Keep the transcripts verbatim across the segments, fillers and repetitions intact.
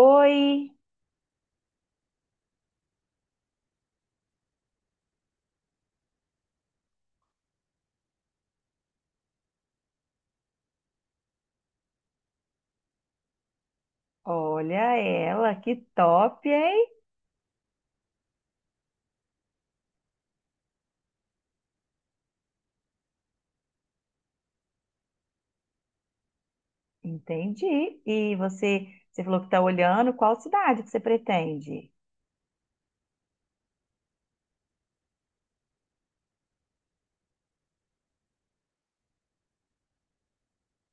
Oi, olha ela, que top, hein? Entendi. E você, você falou que está olhando, qual cidade que você pretende?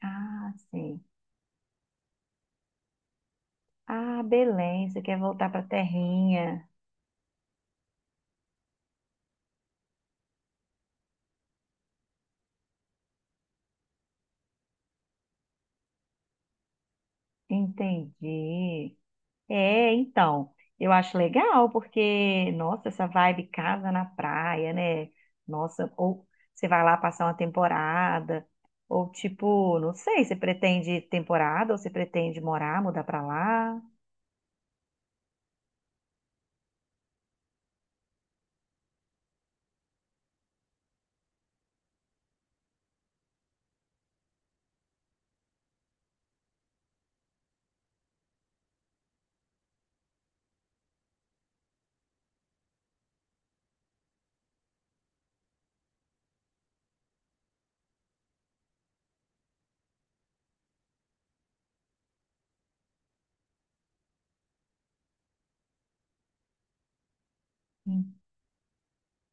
Ah, sim. Ah, Belém, você quer voltar para a terrinha. Entendi. É, então, eu acho legal porque, nossa, essa vibe casa na praia, né? Nossa, ou você vai lá passar uma temporada, ou tipo, não sei, você pretende temporada ou você pretende morar, mudar para lá?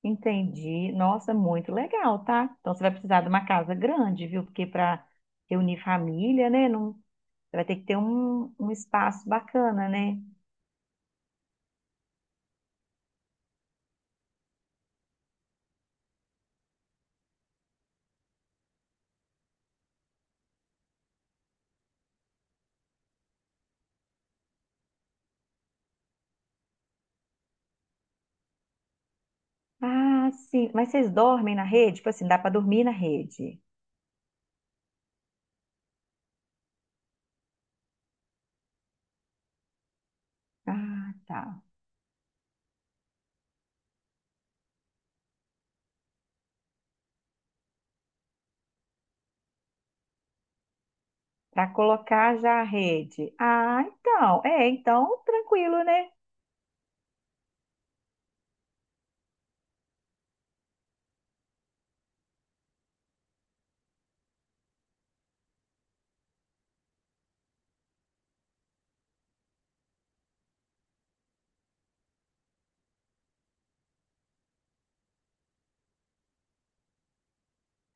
Entendi. Nossa, muito legal, tá? Então você vai precisar de uma casa grande, viu? Porque para reunir família, né? Não... Você vai ter que ter um, um espaço bacana, né? Ah, sim. Mas vocês dormem na rede? Tipo assim, dá para dormir na rede? Ah, tá. Para colocar já a rede. Ah, então. É, então tranquilo, né?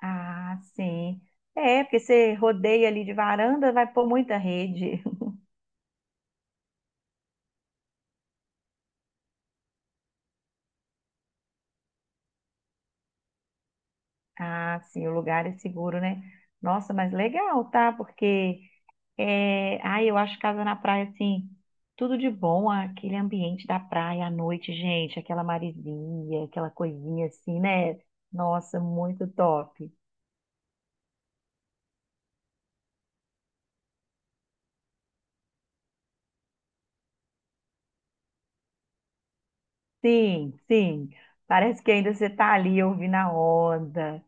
Ah, sim. É, porque você rodeia ali de varanda, vai pôr muita rede. Ah, sim, o lugar é seguro, né? Nossa, mas legal, tá? Porque é, ai, eu acho casa na praia, assim, tudo de bom, aquele ambiente da praia à noite, gente, aquela maresia, aquela coisinha assim, né? Nossa, muito top. Sim, sim, parece que ainda você tá ali ouvindo a onda.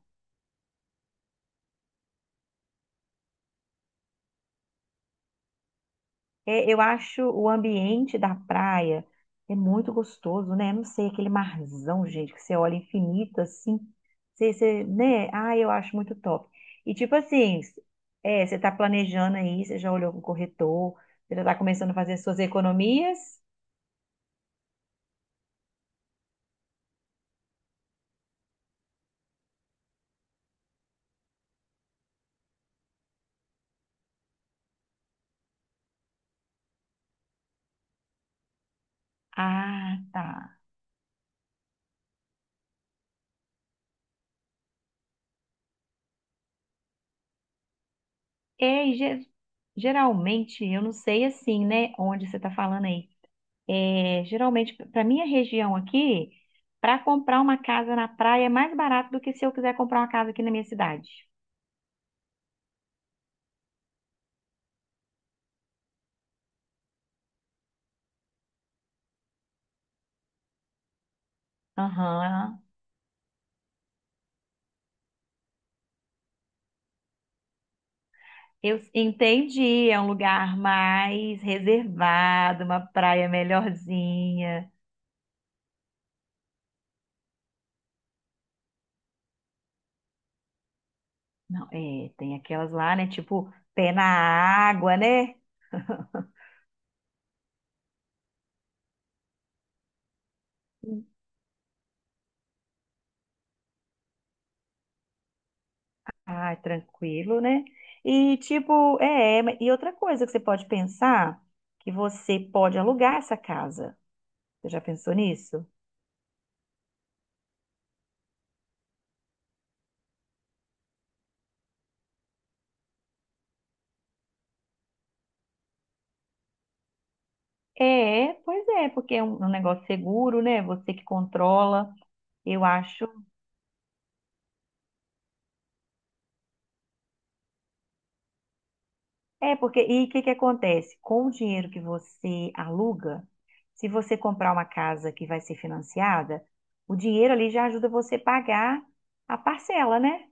É, eu acho o ambiente da praia é muito gostoso, né? Não sei, aquele marzão, gente, que você olha infinito assim, você, você, né? Ah, eu acho muito top. E tipo assim, é, você tá planejando aí, você já olhou com o corretor, você já tá começando a fazer suas economias? Ah, tá. É, e ge- geralmente, eu não sei assim, né? Onde você tá falando aí. É, geralmente, para minha região aqui, para comprar uma casa na praia é mais barato do que se eu quiser comprar uma casa aqui na minha cidade. Aham. Eu entendi, é um lugar mais reservado, uma praia melhorzinha. Não, é, tem aquelas lá, né? Tipo, pé na água, né? Ah, tranquilo, né? E tipo, é, é, e outra coisa que você pode pensar, que você pode alugar essa casa. Você já pensou nisso? É, pois é, porque é um um negócio seguro, né? Você que controla, eu acho. É, porque, e o que que acontece? Com o dinheiro que você aluga, se você comprar uma casa que vai ser financiada, o dinheiro ali já ajuda você a pagar a parcela, né?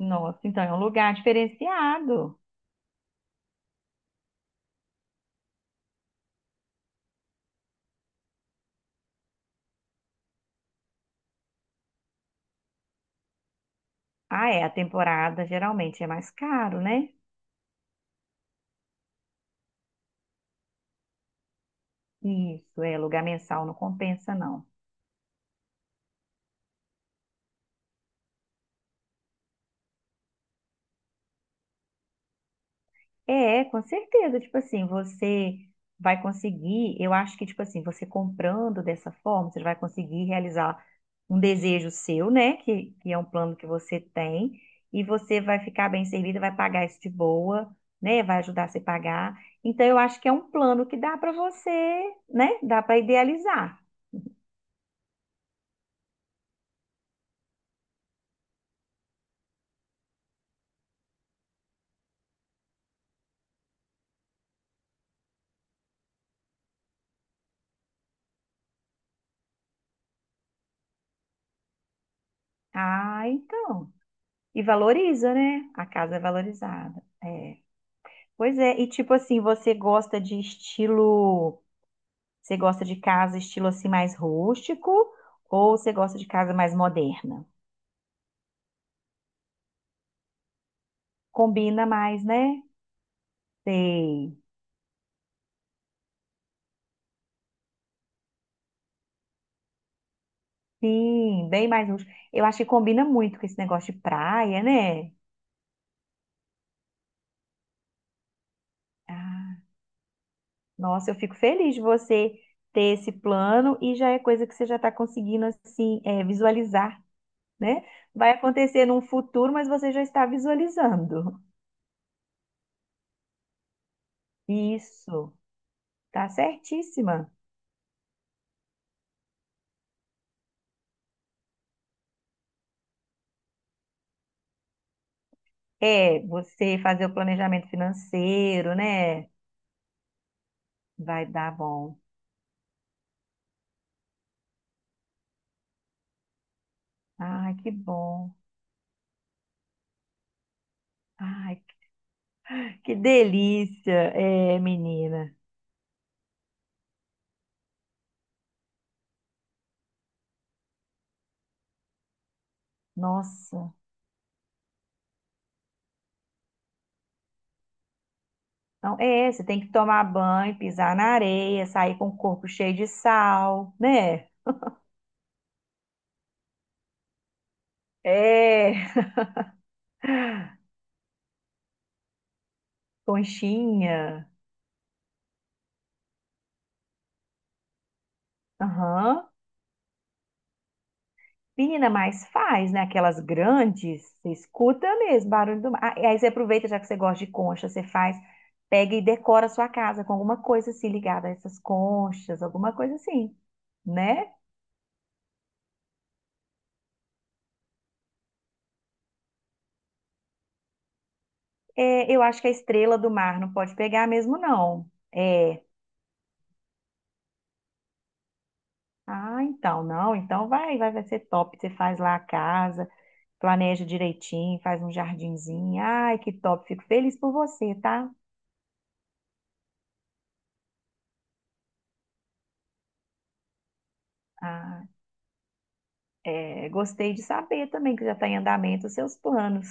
Nossa, então é um lugar diferenciado. Ah, é, a temporada geralmente é mais caro, né? Isso, é, lugar mensal não compensa, não. É, com certeza. Tipo assim, você vai conseguir, eu acho que, tipo assim, você comprando dessa forma, você vai conseguir realizar um desejo seu, né? Que, que é um plano que você tem, e você vai ficar bem servida, vai pagar isso de boa, né? Vai ajudar você a pagar. Então, eu acho que é um plano que dá para você, né? Dá para idealizar. Ah, então. E valoriza, né? A casa é valorizada. É. Pois é, e tipo assim, você gosta de estilo. Você gosta de casa estilo assim mais rústico ou você gosta de casa mais moderna? Combina mais, né? Sei. Sim, bem mais rústico. Eu acho que combina muito com esse negócio de praia, né? Ah, nossa, eu fico feliz de você ter esse plano e já é coisa que você já está conseguindo assim é, visualizar, né? Vai acontecer num futuro, mas você já está visualizando. Isso, tá certíssima. É, você fazer o planejamento financeiro, né? Vai dar bom. Ai, que bom. Ai, que delícia, é, menina. Nossa. Então, é, você tem que tomar banho, pisar na areia, sair com o corpo cheio de sal, né? É, conchinha. Aham. Menina, mas faz, né? Aquelas grandes, você escuta mesmo barulho do mar. Ah, e aí você aproveita, já que você gosta de concha, você faz, pega e decora a sua casa com alguma coisa assim ligada a essas conchas, alguma coisa assim, né? É, eu acho que a estrela do mar não pode pegar mesmo, não. É. Ah, então, não. Então vai, vai, vai ser top. Você faz lá a casa, planeja direitinho, faz um jardinzinho. Ai, que top. Fico feliz por você, tá? Ah, é, gostei de saber também que já está em andamento os seus planos.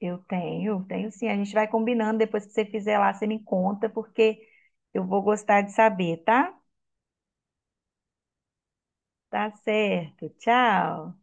Eu tenho, tenho sim. A gente vai combinando. Depois que você fizer lá, você me conta, porque eu vou gostar de saber, tá? Tá certo. Tchau.